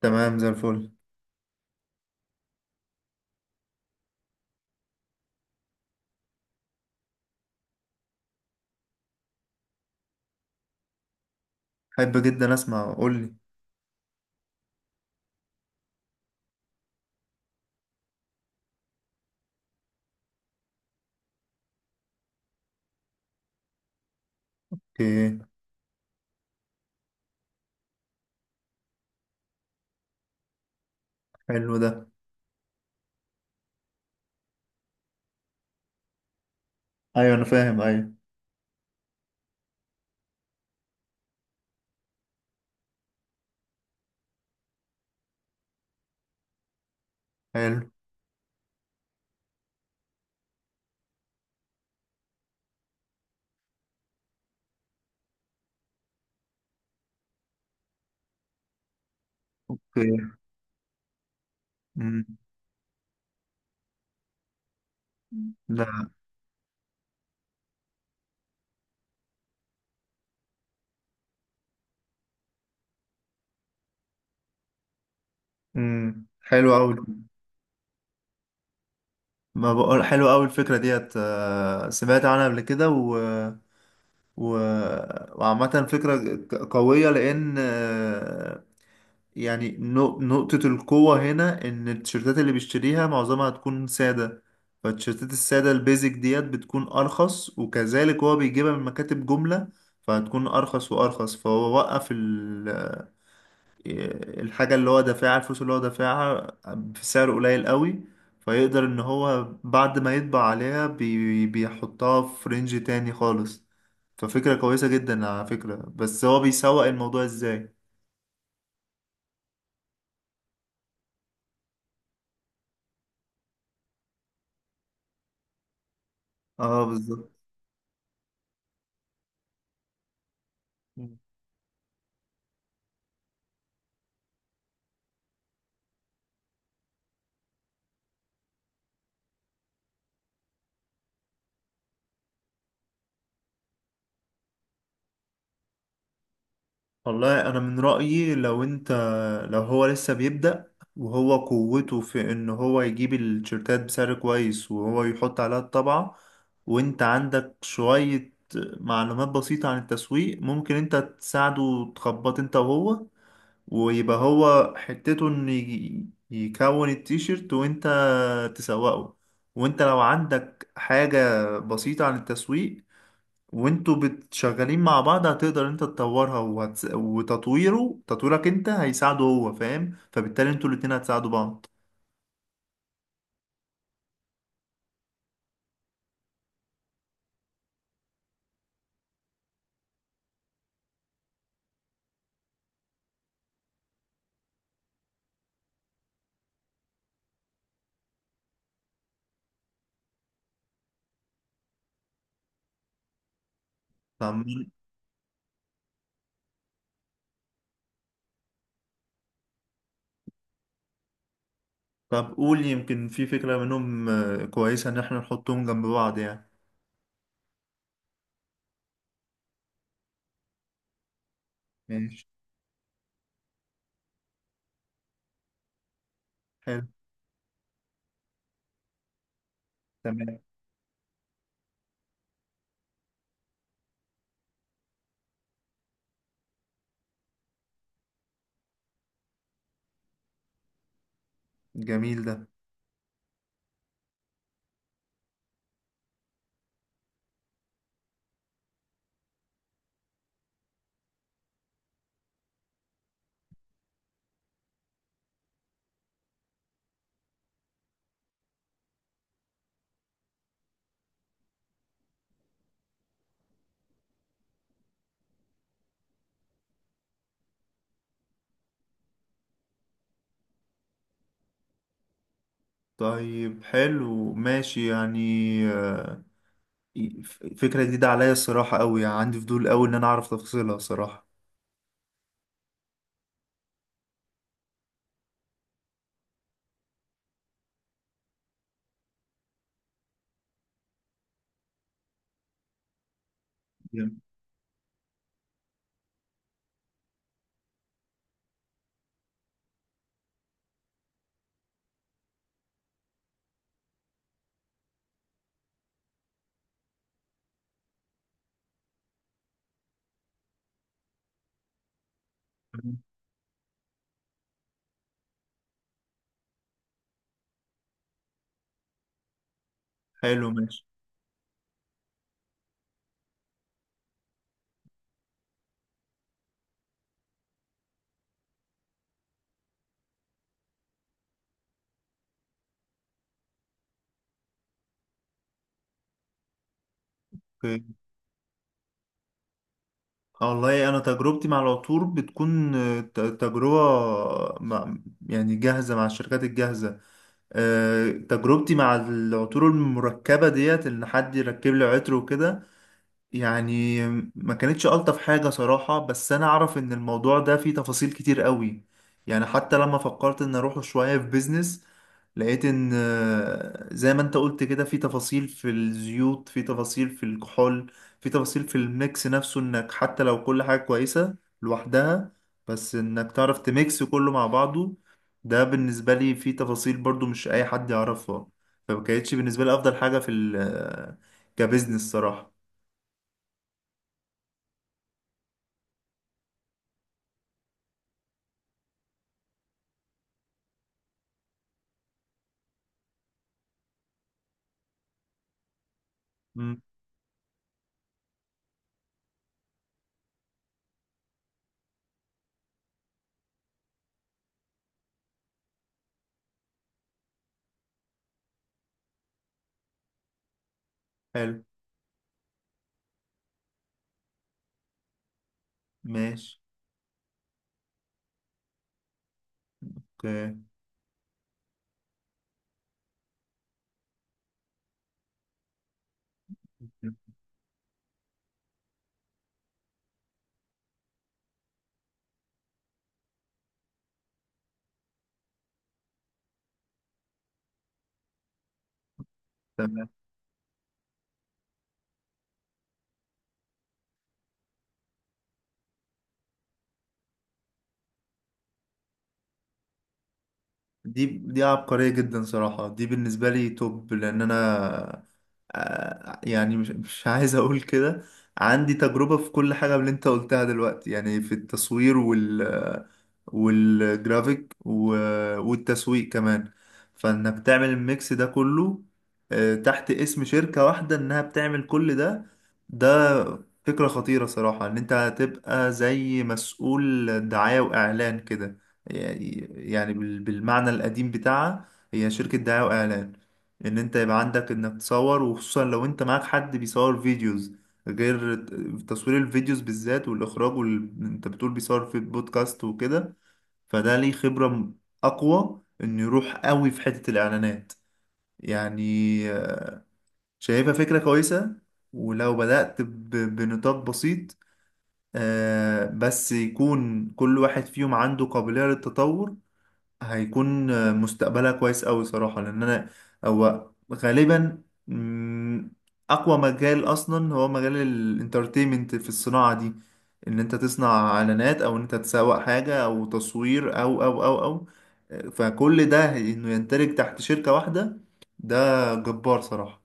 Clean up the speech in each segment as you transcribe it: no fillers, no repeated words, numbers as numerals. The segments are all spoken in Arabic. تمام زي الفل. حب جدا اسمع، قول لي ايه. حلو ده. ايوه، انا فاهم، ايوه. حلو. اوكي. امم. ده. امم، حلو قوي. ما بقول حلو قوي الفكره ديت، سمعت عنها قبل كده و و وعامه فكره قويه، لان يعني نقطة القوة هنا إن التيشيرتات اللي بيشتريها معظمها هتكون سادة. فالتيشيرتات السادة البيزك ديت بتكون أرخص، وكذلك هو بيجيبها من مكاتب جملة، فهتكون أرخص وأرخص. فهو وقف الحاجة اللي هو دافعها، الفلوس اللي هو دافعها بسعر قليل قوي، فيقدر إن هو بعد ما يطبع عليها بيحطها في رينج تاني خالص. ففكرة كويسة جدا على فكرة، بس هو بيسوق الموضوع إزاي؟ اه، بالظبط. والله انا من رأيي لو انت، لو هو لسه بيبدأ وهو قوته في ان هو يجيب التيشيرتات بسعر كويس وهو يحط عليها الطبعة، وانت عندك شوية معلومات بسيطة عن التسويق، ممكن انت تساعده وتخبط انت وهو، ويبقى هو حتته ان يكون التيشيرت وانت تسوقه. وانت لو عندك حاجة بسيطة عن التسويق وانتوا بتشغلين مع بعض، هتقدر انت تطورها وتطويره، تطويرك انت هيساعده، هو فاهم، فبالتالي انتوا الاتنين هتساعدوا بعض. طب مين- طب قول، يمكن في فكرة منهم كويسة ان احنا نحطهم جنب بعض يعني. ماشي. حلو. تمام. جميل ده. طيب، حلو ماشي يعني. آه، فكرة جديدة عليا الصراحة قوي، يعني عندي فضول قوي ان انا اعرف تفاصيلها الصراحة. جميل. حلو ماشي. اوكي. آه، والله انا تجربتي مع العطور بتكون تجربه مع، يعني جاهزه مع الشركات الجاهزه. آه، تجربتي مع العطور المركبه ديت ان حد يركب لي عطر وكده يعني. ما كانتش ألطف حاجة صراحة، بس أنا أعرف إن الموضوع ده فيه تفاصيل كتير قوي. يعني حتى لما فكرت إن أروحه شوية في بيزنس، لقيت إن زي ما أنت قلت كده، في تفاصيل في الزيوت، في تفاصيل في الكحول، في تفاصيل في الميكس نفسه، إنك حتى لو كل حاجة كويسة لوحدها، بس إنك تعرف تميكس كله مع بعضه، ده بالنسبة لي فيه تفاصيل برضو مش أي حد يعرفها. فما كانتش بالنسبة لي أفضل حاجة في ال آه، كبزنس صراحة. حلو ماشي. اوكي. تمام. دي عبقرية جدا صراحة، دي بالنسبة لي توب، لأن أنا، يعني مش عايز أقول كده، عندي تجربة في كل حاجة من اللي أنت قلتها دلوقتي، يعني في التصوير والجرافيك والتسويق كمان. فإنك تعمل الميكس ده كله تحت اسم شركة واحدة إنها بتعمل كل ده. ده فكرة خطيرة صراحة، إن أنت هتبقى زي مسؤول دعاية وإعلان كده، يعني بالمعنى القديم بتاعها، هي شركة دعاية وإعلان. إن أنت يبقى عندك إنك تصور، وخصوصا لو أنت معاك حد بيصور فيديوز، غير تصوير الفيديوز بالذات والإخراج أنت بتقول بيصور في بودكاست وكده، فده ليه خبرة أقوى إنه يروح قوي في حتة الإعلانات يعني. آه، شايفها فكرة كويسة، ولو بدأت بنطاق بسيط، بس يكون كل واحد فيهم عنده قابلية للتطور، هيكون مستقبلها كويس أوي صراحة. لأن أنا، هو غالبا أقوى مجال أصلا هو مجال الانترتينمنت في الصناعة دي، إن أنت تصنع إعلانات أو إن أنت تسوق حاجة أو تصوير أو أو أو أو، فكل ده إنه يندرج تحت شركة واحدة، ده جبار صراحة.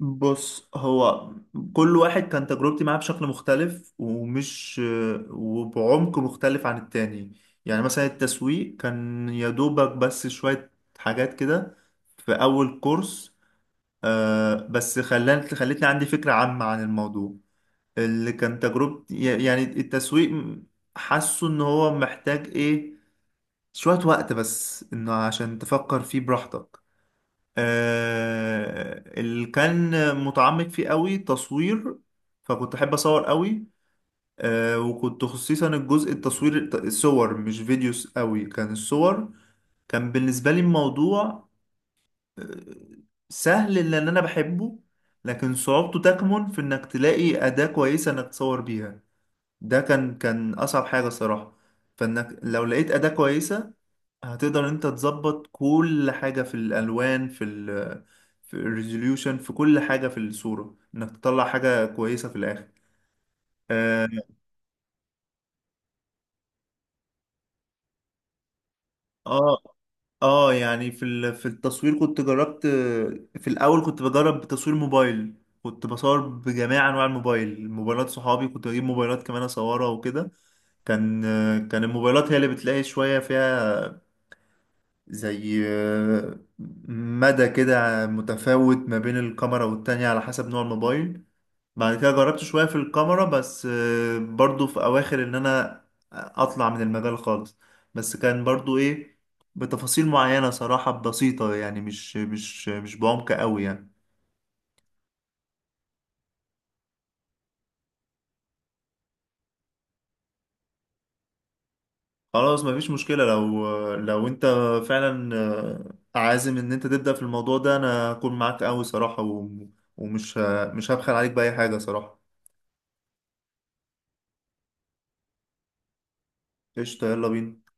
بص، هو كل واحد كان تجربتي معاه بشكل مختلف، وبعمق مختلف عن التاني. يعني مثلا التسويق كان يا دوبك بس شوية حاجات كده في أول كورس، بس خلتني عندي فكرة عامة عن الموضوع. اللي كان تجربتي يعني التسويق، حاسه إن هو محتاج إيه، شوية وقت بس إنه عشان تفكر فيه براحتك. اللي كان متعمق فيه قوي تصوير، فكنت احب اصور قوي. وكنت خصيصا الجزء التصوير الصور مش فيديوز قوي، كان الصور، كان بالنسبة لي الموضوع آه، سهل لان انا بحبه، لكن صعوبته تكمن في انك تلاقي أداة كويسة انك تصور بيها. ده كان اصعب حاجة صراحة. فانك لو لقيت أداة كويسة، هتقدر انت تظبط كل حاجة، في الألوان، في الريزوليوشن، في كل حاجة في الصورة، انك تطلع حاجة كويسة في الآخر. اه. اه. يعني في التصوير كنت جربت. في الأول كنت بجرب بتصوير موبايل، كنت بصور بجميع أنواع الموبايل، موبايلات صحابي كنت بجيب موبايلات كمان أصورها وكده. كان كان الموبايلات هي اللي بتلاقي شوية فيها، زي مدى كده متفاوت ما بين الكاميرا والتانية على حسب نوع الموبايل. بعد كده جربت شوية في الكاميرا بس، برضو في أواخر إن أنا أطلع من المجال خالص. بس كان برضو إيه، بتفاصيل معينة صراحة بسيطة يعني مش بعمق قوي يعني. خلاص مفيش مشكلة، لو أنت فعلا عازم إن أنت تبدأ في الموضوع ده، أنا هكون معاك قوي صراحة ومش مش هبخل عليك بأي حاجة صراحة. قشطة، يلا بينا.